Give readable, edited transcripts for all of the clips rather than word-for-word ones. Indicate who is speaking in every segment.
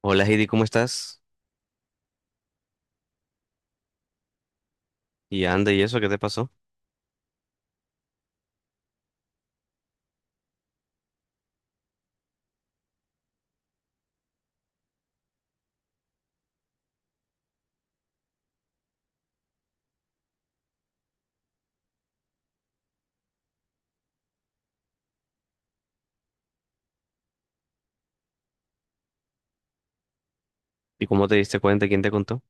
Speaker 1: Hola Heidi, ¿cómo estás? Y anda, ¿y eso qué te pasó? ¿Y cómo te diste cuenta? ¿Quién te contó?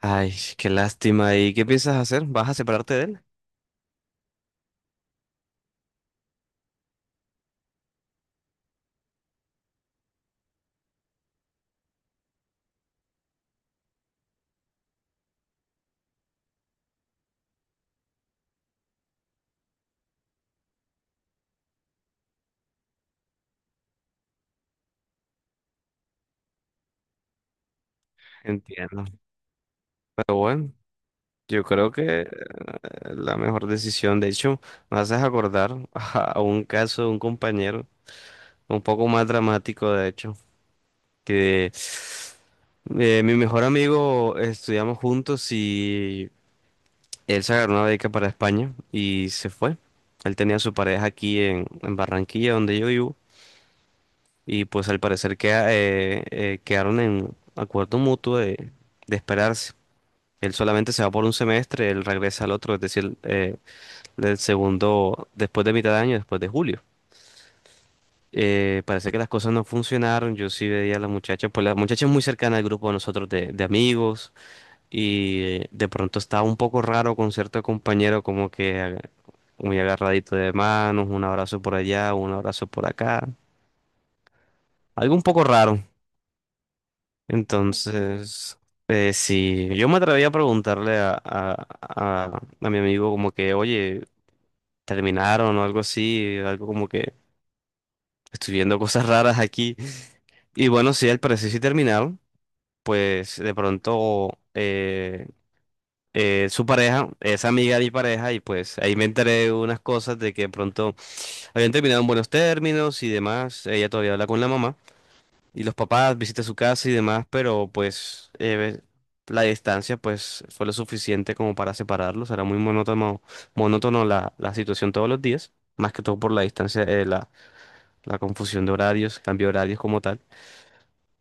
Speaker 1: Ay, qué lástima. ¿Y qué piensas hacer? ¿Vas a separarte de él? Entiendo. Pero bueno, yo creo que la mejor decisión, de hecho, me haces acordar a un caso de un compañero, un poco más dramático, de hecho, que mi mejor amigo estudiamos juntos y él se agarró una beca para España y se fue. Él tenía a su pareja aquí en Barranquilla, donde yo vivo. Y pues al parecer quedaron en acuerdo mutuo de esperarse. Él solamente se va por un semestre, él regresa al otro, es decir, el segundo después de mitad de año, después de julio. Parece que las cosas no funcionaron. Yo sí veía a la muchacha, pues la muchacha es muy cercana al grupo de nosotros de amigos y de pronto estaba un poco raro con cierto compañero, como que muy agarradito de manos, un abrazo por allá, un abrazo por acá. Algo un poco raro. Entonces, sí, yo me atreví a preguntarle a mi amigo como que, oye, terminaron o algo así, algo como que estoy viendo cosas raras aquí. Y bueno, sí, al parecer sí terminaron, pues de pronto su pareja es amiga de mi pareja y pues ahí me enteré de unas cosas de que de pronto habían terminado en buenos términos y demás, ella todavía habla con la mamá. Y los papás visité su casa y demás, pero pues la distancia pues fue lo suficiente como para separarlos. Era muy monótono, monótono la situación todos los días, más que todo por la distancia, la confusión de horarios, cambio de horarios como tal.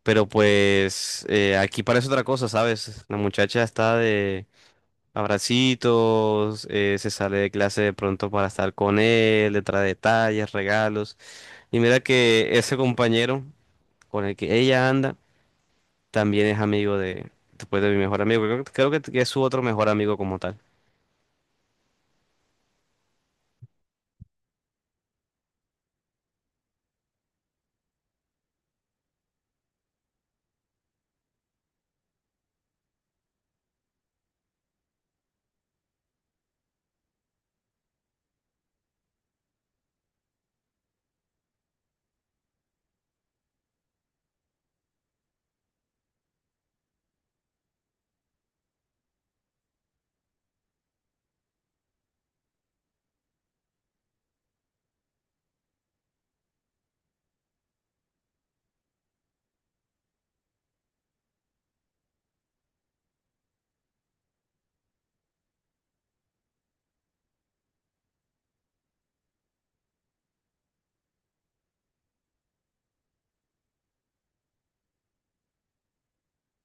Speaker 1: Pero pues aquí parece otra cosa, ¿sabes? La muchacha está de abracitos, se sale de clase de pronto para estar con él, le trae detalles, regalos. Y mira que ese compañero con el que ella anda también es amigo de, después de mi mejor amigo. Creo, que creo que es su otro mejor amigo como tal.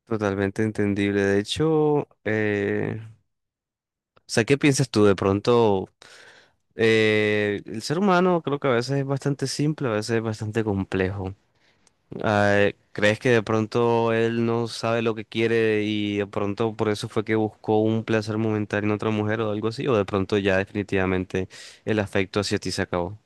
Speaker 1: Totalmente entendible. De hecho, o sea, ¿qué piensas tú? De pronto, el ser humano creo que a veces es bastante simple, a veces es bastante complejo. Ah, ¿crees que de pronto él no sabe lo que quiere y de pronto por eso fue que buscó un placer momentáneo en otra mujer o algo así? ¿O de pronto ya definitivamente el afecto hacia ti se acabó?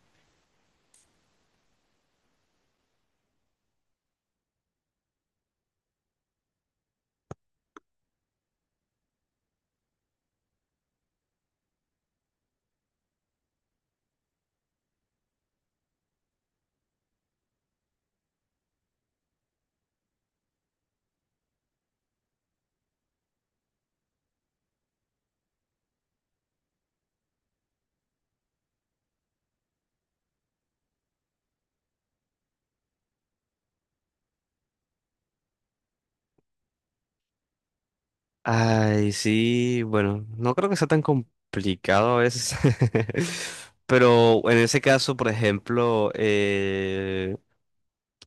Speaker 1: Ay, sí, bueno, no creo que sea tan complicado a veces. Pero en ese caso, por ejemplo,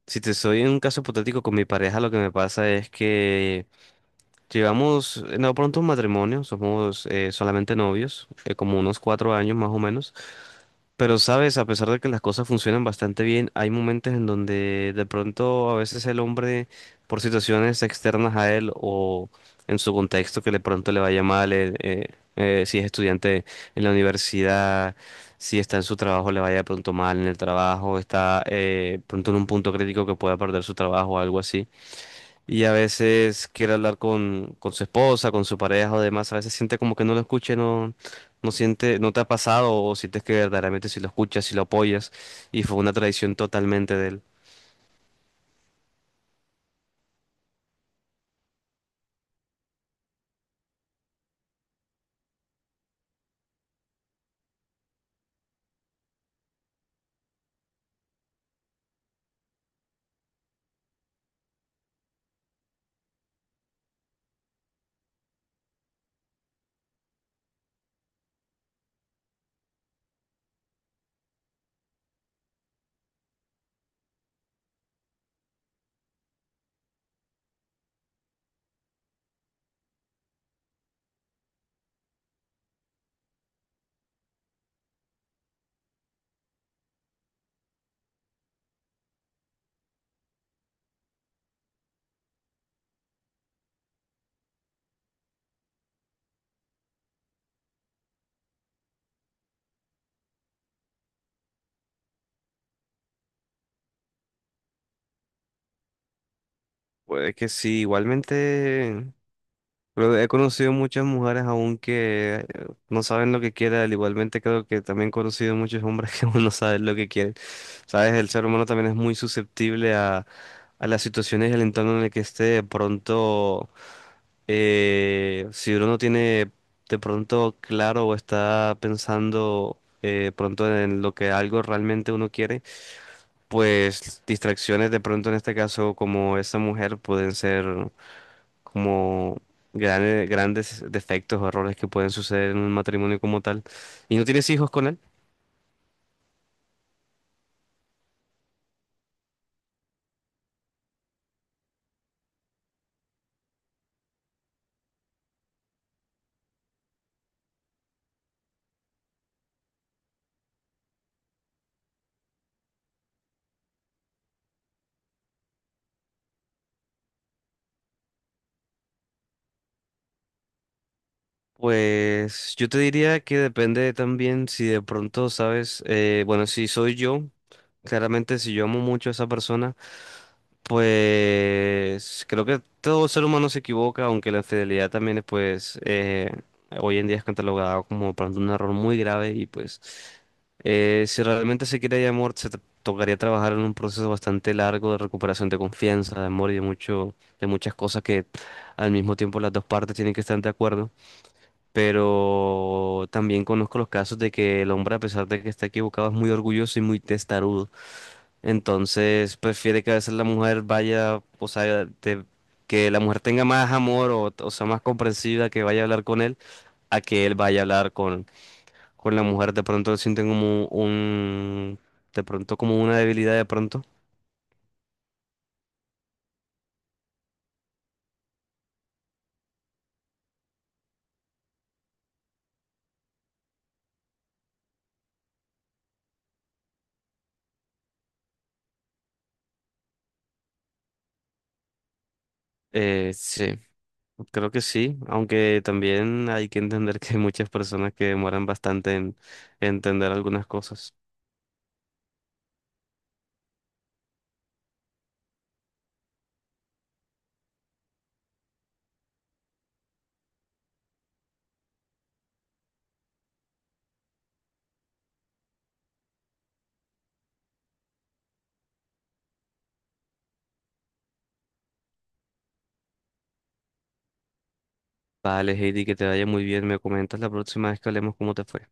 Speaker 1: si te soy en un caso hipotético con mi pareja, lo que me pasa es que llevamos, no pronto un matrimonio, somos solamente novios, como unos cuatro años más o menos. Pero sabes, a pesar de que las cosas funcionan bastante bien, hay momentos en donde de pronto a veces el hombre, por situaciones externas a él o en su contexto que de pronto le vaya mal, si es estudiante en la universidad, si está en su trabajo, le vaya de pronto mal en el trabajo, está pronto en un punto crítico que pueda perder su trabajo o algo así. Y a veces quiere hablar con su esposa, con su pareja o demás. A veces siente como que no lo escuche, no, no siente, no te ha pasado o sientes que verdaderamente si lo escuchas, si lo apoyas. Y fue una tradición totalmente de él. Puede que sí, igualmente. Pero he conocido muchas mujeres aún que no saben lo que quieren. Igualmente creo que también he conocido muchos hombres que aún no saben lo que quieren. Sabes, el ser humano también es muy susceptible a las situaciones y al entorno en el que esté. De pronto. Si uno no tiene de pronto claro o está pensando pronto en lo que algo realmente uno quiere, pues distracciones de pronto en este caso como esa mujer pueden ser como grandes defectos o errores que pueden suceder en un matrimonio como tal. ¿Y no tienes hijos con él? Pues yo te diría que depende también si de pronto sabes, bueno, si soy yo. Claramente, si yo amo mucho a esa persona, pues creo que todo ser humano se equivoca, aunque la infidelidad también es, pues, hoy en día es catalogada como por ejemplo, un error muy grave y pues, si realmente se quiere hay amor, tocaría trabajar en un proceso bastante largo de recuperación de confianza, de amor y de mucho, de muchas cosas que al mismo tiempo las dos partes tienen que estar de acuerdo. Pero también conozco los casos de que el hombre, a pesar de que está equivocado, es muy orgulloso y muy testarudo. Entonces prefiere que a veces la mujer vaya, o sea, que la mujer tenga más amor o sea más comprensiva que vaya a hablar con él, a que él vaya a hablar con la mujer. De pronto sienten como un, de pronto como una debilidad de pronto. Sí, creo que sí, aunque también hay que entender que hay muchas personas que demoran bastante en entender algunas cosas. Vale, Heidi, que te vaya muy bien. Me comentas la próxima vez que hablemos cómo te fue.